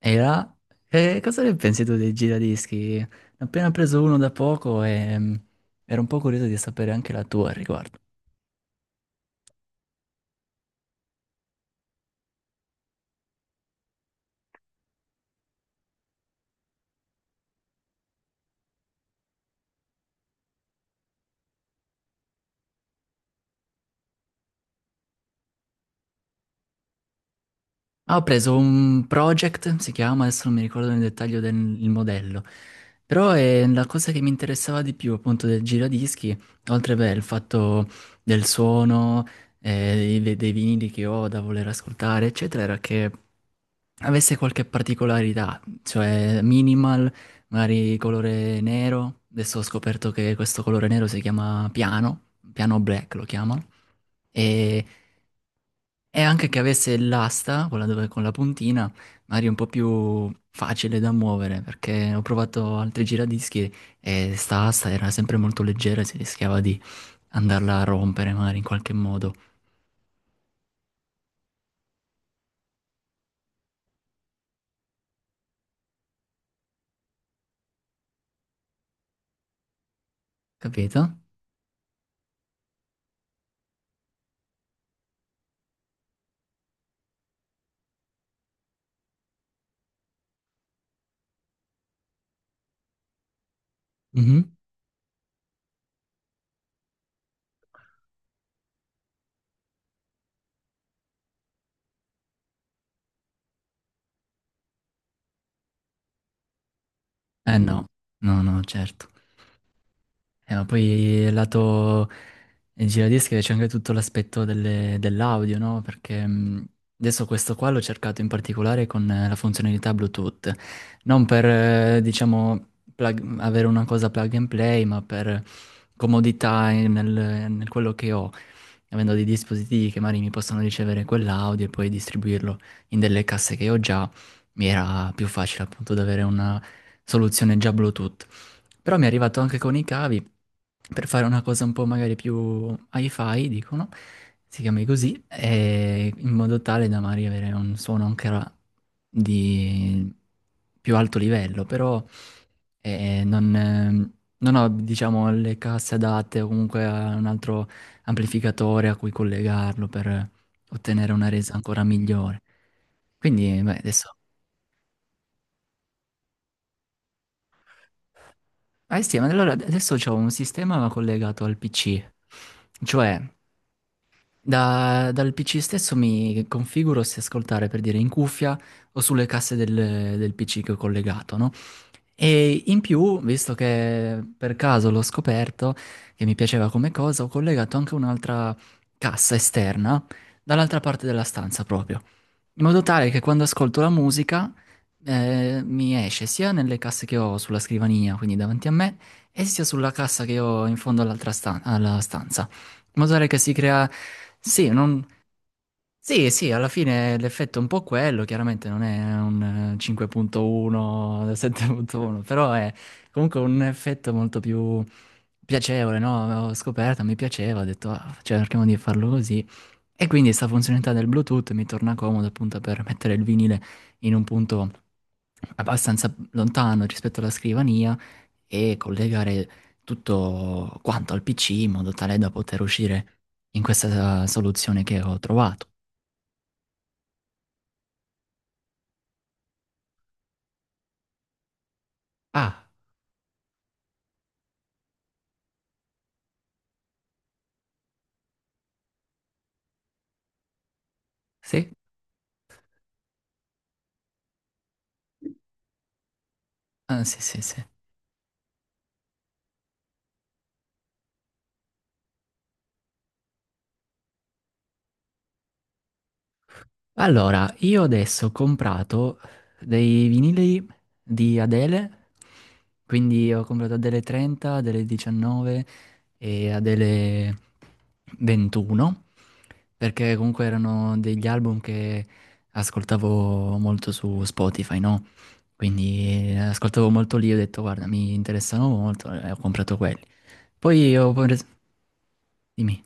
E là, cosa ne pensi tu dei giradischi? Ne ho appena preso uno da poco e ero un po' curioso di sapere anche la tua al riguardo. Ah, ho preso un Project, si chiama, adesso non mi ricordo nel dettaglio del il modello, però è la cosa che mi interessava di più appunto del giradischi, oltre beh, il fatto del suono, dei vinili che ho da voler ascoltare, eccetera, era che avesse qualche particolarità, cioè minimal, magari colore nero. Adesso ho scoperto che questo colore nero si chiama piano black lo chiamano. E, e anche che avesse l'asta, quella dove con la puntina, magari un po' più facile da muovere, perché ho provato altri giradischi e sta asta era sempre molto leggera e si rischiava di andarla a rompere magari in qualche modo, capito? Mhm. Mm. No, no, no, certo. Ma poi lato giradischi c'è anche tutto l'aspetto dell'audio, no? Perché adesso questo qua l'ho cercato in particolare con la funzionalità Bluetooth, non per, diciamo, avere una cosa plug and play, ma per comodità nel quello che ho, avendo dei dispositivi che magari mi possono ricevere quell'audio e poi distribuirlo in delle casse che ho già, mi era più facile appunto ad avere una soluzione già Bluetooth. Però mi è arrivato anche con i cavi per fare una cosa un po' magari più hi-fi, dicono, si chiami così, e in modo tale da magari avere un suono ancora di più alto livello, però eh, non, ehm, non ho, diciamo, le casse adatte o comunque a un altro amplificatore a cui collegarlo per ottenere una resa ancora migliore. Quindi, beh, adesso ah sì, ma allora adesso c'ho un sistema collegato al PC, cioè dal PC stesso mi configuro se ascoltare per dire in cuffia o sulle casse del PC che ho collegato, no? E in più, visto che per caso l'ho scoperto che mi piaceva come cosa, ho collegato anche un'altra cassa esterna dall'altra parte della stanza proprio in modo tale che quando ascolto la musica mi esce sia nelle casse che ho sulla scrivania, quindi davanti a me, e sia sulla cassa che ho in fondo alla stanza. In modo tale che si crea. Sì, non... sì, sì, alla fine l'effetto è un po' quello, chiaramente non è un 5.1, 7.1, però è comunque un effetto molto più piacevole, no? Ho scoperto, mi piaceva, ho detto, "Ah, cioè, cerchiamo di farlo così." E quindi questa funzionalità del Bluetooth mi torna comodo appunto per mettere il vinile in un punto abbastanza lontano rispetto alla scrivania e collegare tutto quanto al PC in modo tale da poter uscire in questa soluzione che ho trovato. Ah, sì? Ah, sì, sì, sì. Allora, io adesso ho comprato dei vinili di Adele, quindi ho comprato Adele 30, Adele 19 e Adele 21 perché comunque erano degli album che ascoltavo molto su Spotify, no? Quindi ascoltavo molto lì, ho detto guarda, mi interessano molto e ho comprato quelli. Poi ho preso. Dimmi.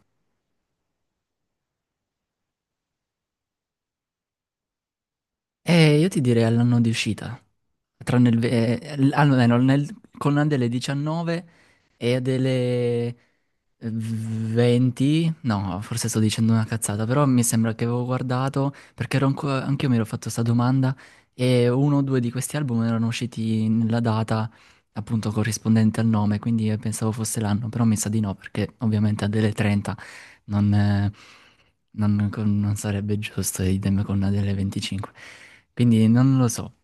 Io ti direi all'anno di uscita, tranne il, almeno con Adele 19 e Adele 20, no, forse sto dicendo una cazzata, però mi sembra che avevo guardato, perché ero anche anch'io mi ero fatto questa domanda, e uno o due di questi album erano usciti nella data appunto corrispondente al nome, quindi pensavo fosse l'anno, però mi sa di no, perché ovviamente Adele 30 non... eh, non sarebbe giusto, idem con una delle 25. Quindi non lo so.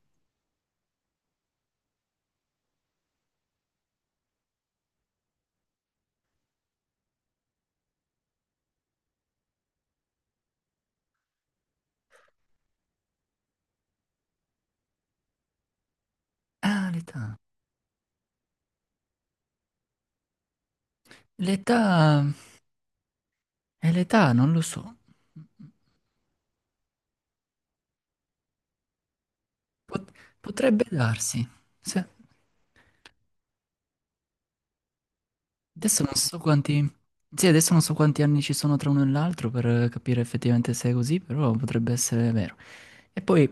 Ah, l'età. L'età. E l'età non lo so. Pot- Potrebbe darsi. Se- Adesso non so quanti. Sì, adesso non so quanti anni ci sono tra uno e l'altro per capire effettivamente se è così, però potrebbe essere vero. E poi.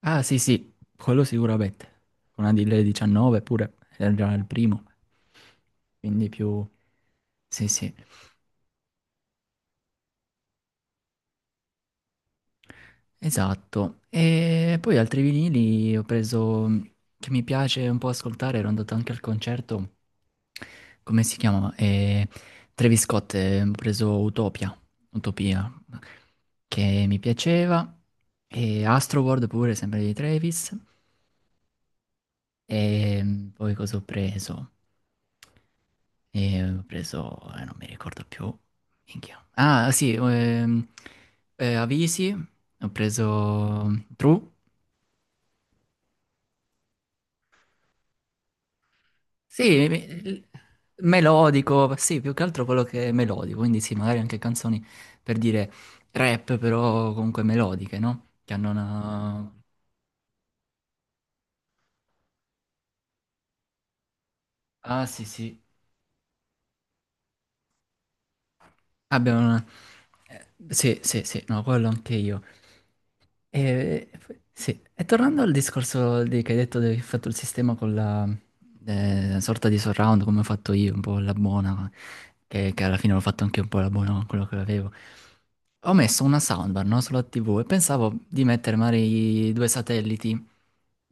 Ah, sì, sì, quello sicuramente. Una di lei 19 pure, era già il primo. Quindi più. Sì, sì. Esatto. E poi altri vinili ho preso che mi piace un po' ascoltare, ero andato anche al concerto. Come si chiama? Travis Scott, ho preso Utopia, Utopia, che mi piaceva. E Astroworld pure, sempre di Travis. E poi cosa ho preso? E ho preso, non mi ricordo più. Minchia. Ah, sì, Avisi, ho preso True. Sì, melodico, sì, più che altro quello che è melodico, quindi sì, magari anche canzoni per dire rap, però comunque melodiche, no? Che hanno una. Ah, sì, sì. Abbiamo una. Sì, sì, sì, no, quello anche io. E, sì, e tornando al discorso di, che hai detto che hai fatto il sistema con la sorta di surround, come ho fatto io, un po' la buona, che alla fine l'ho fatto anche un po' la buona con quello che avevo. Ho messo una soundbar, no, sulla TV e pensavo di mettere magari i due satelliti.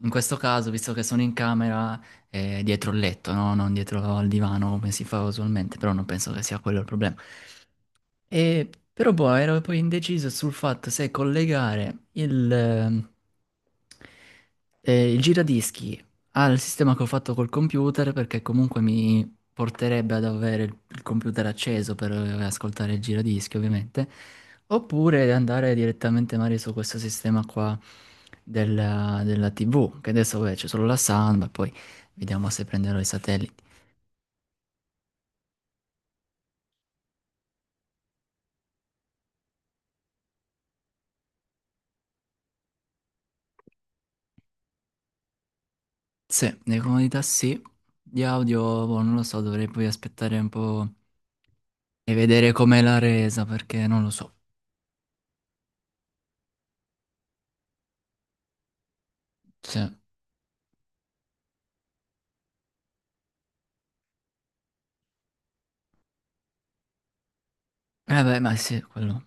In questo caso, visto che sono in camera, dietro il letto, no? Non dietro al divano come si fa usualmente, però non penso che sia quello il problema. E, però poi ero poi indeciso sul fatto se collegare il giradischi al sistema che ho fatto col computer perché comunque mi porterebbe ad avere il computer acceso per ascoltare il giradischi ovviamente oppure andare direttamente magari su questo sistema qua della TV che adesso vabbè, c'è solo la sound ma poi vediamo se prenderò i satelliti. Sì, le comodità sì, di audio boh, non lo so, dovrei poi aspettare un po' e vedere com'è la resa perché non lo so. Sì. Eh beh, ma sì, quello.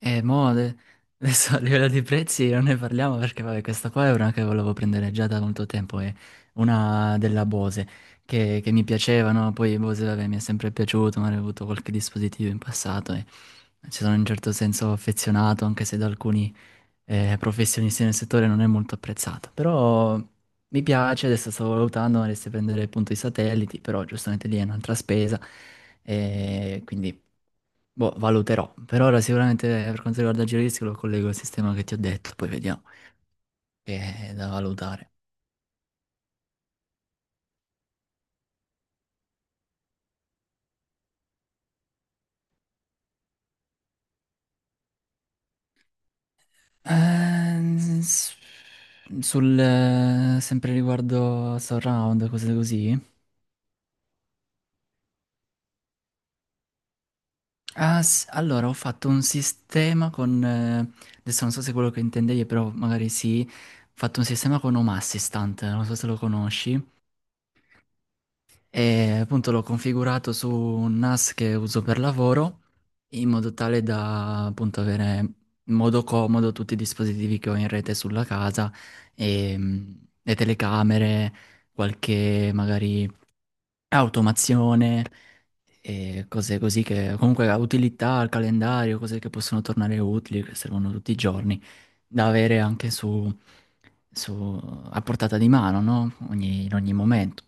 E mo adesso a livello di prezzi non ne parliamo perché vabbè, questa qua è una che volevo prendere già da molto tempo, è una della Bose che mi piaceva, no? Poi Bose vabbè, mi è sempre piaciuto, ma avevo avuto qualche dispositivo in passato e ci sono in un certo senso affezionato anche se da alcuni professionista nel settore non è molto apprezzata, però mi piace, adesso stavo valutando, vorresti prendere appunto i satelliti, però giustamente lì è un'altra spesa, e quindi boh, valuterò. Per ora sicuramente per quanto riguarda il giro di rischio lo collego al sistema che ti ho detto, poi vediamo, che è da valutare. Ehm, s- Sul, sempre riguardo surround, cose così, ah, allora, ho fatto un sistema con. Adesso non so se è quello che intendevi, però magari sì. Ho fatto un sistema con Home Assistant, non so se lo conosci. E appunto l'ho configurato su un NAS che uso per lavoro, in modo tale da appunto avere in modo comodo tutti i dispositivi che ho in rete sulla casa, e, le telecamere, qualche magari automazione e cose così che comunque la utilità, il calendario, cose che possono tornare utili, che servono tutti i giorni, da avere anche su- a portata di mano, no? In ogni momento.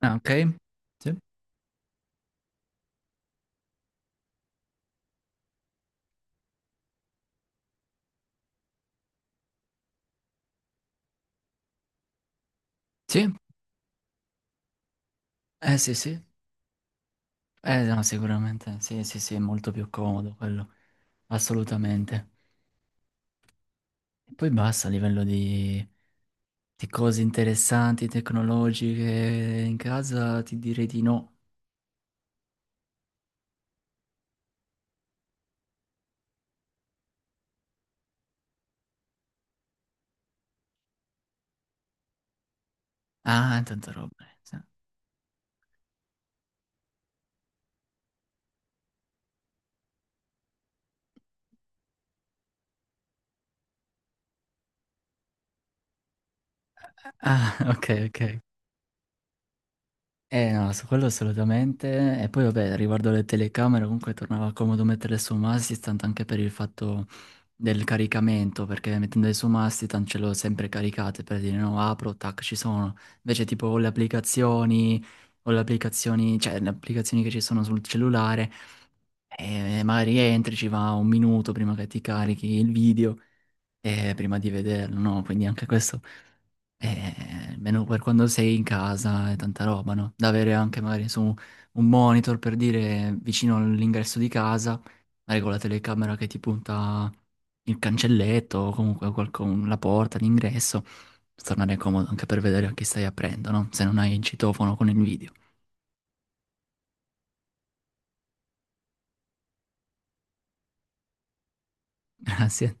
Ah, ok? Sì? Sì? Eh sì, sì. Eh no, sicuramente. Sì, sì, sì, è molto più comodo quello. Assolutamente. E poi basta a livello di, cose interessanti, tecnologiche in casa, ti direi di no. Ah, tanta roba. Sì. Ah, ok, ok. Eh no, su quello assolutamente. E poi vabbè, riguardo alle telecamere, comunque tornava comodo metterle su masti, tanto anche per il fatto del caricamento, perché mettendole su masti, tanto ce l'ho sempre caricate per dire no, apro, tac, ci sono. Invece tipo o le applicazioni, cioè le applicazioni che ci sono sul cellulare, magari entri, ci va un minuto prima che ti carichi il video e prima di vederlo, no? Quindi anche questo. Almeno per quando sei in casa e tanta roba, no? Da avere anche magari su un monitor per dire vicino all'ingresso di casa, magari con la telecamera che ti punta il cancelletto o comunque la porta, l'ingresso, per tornare comodo anche per vedere a chi stai aprendo, no? Se non hai il citofono con il video. Grazie.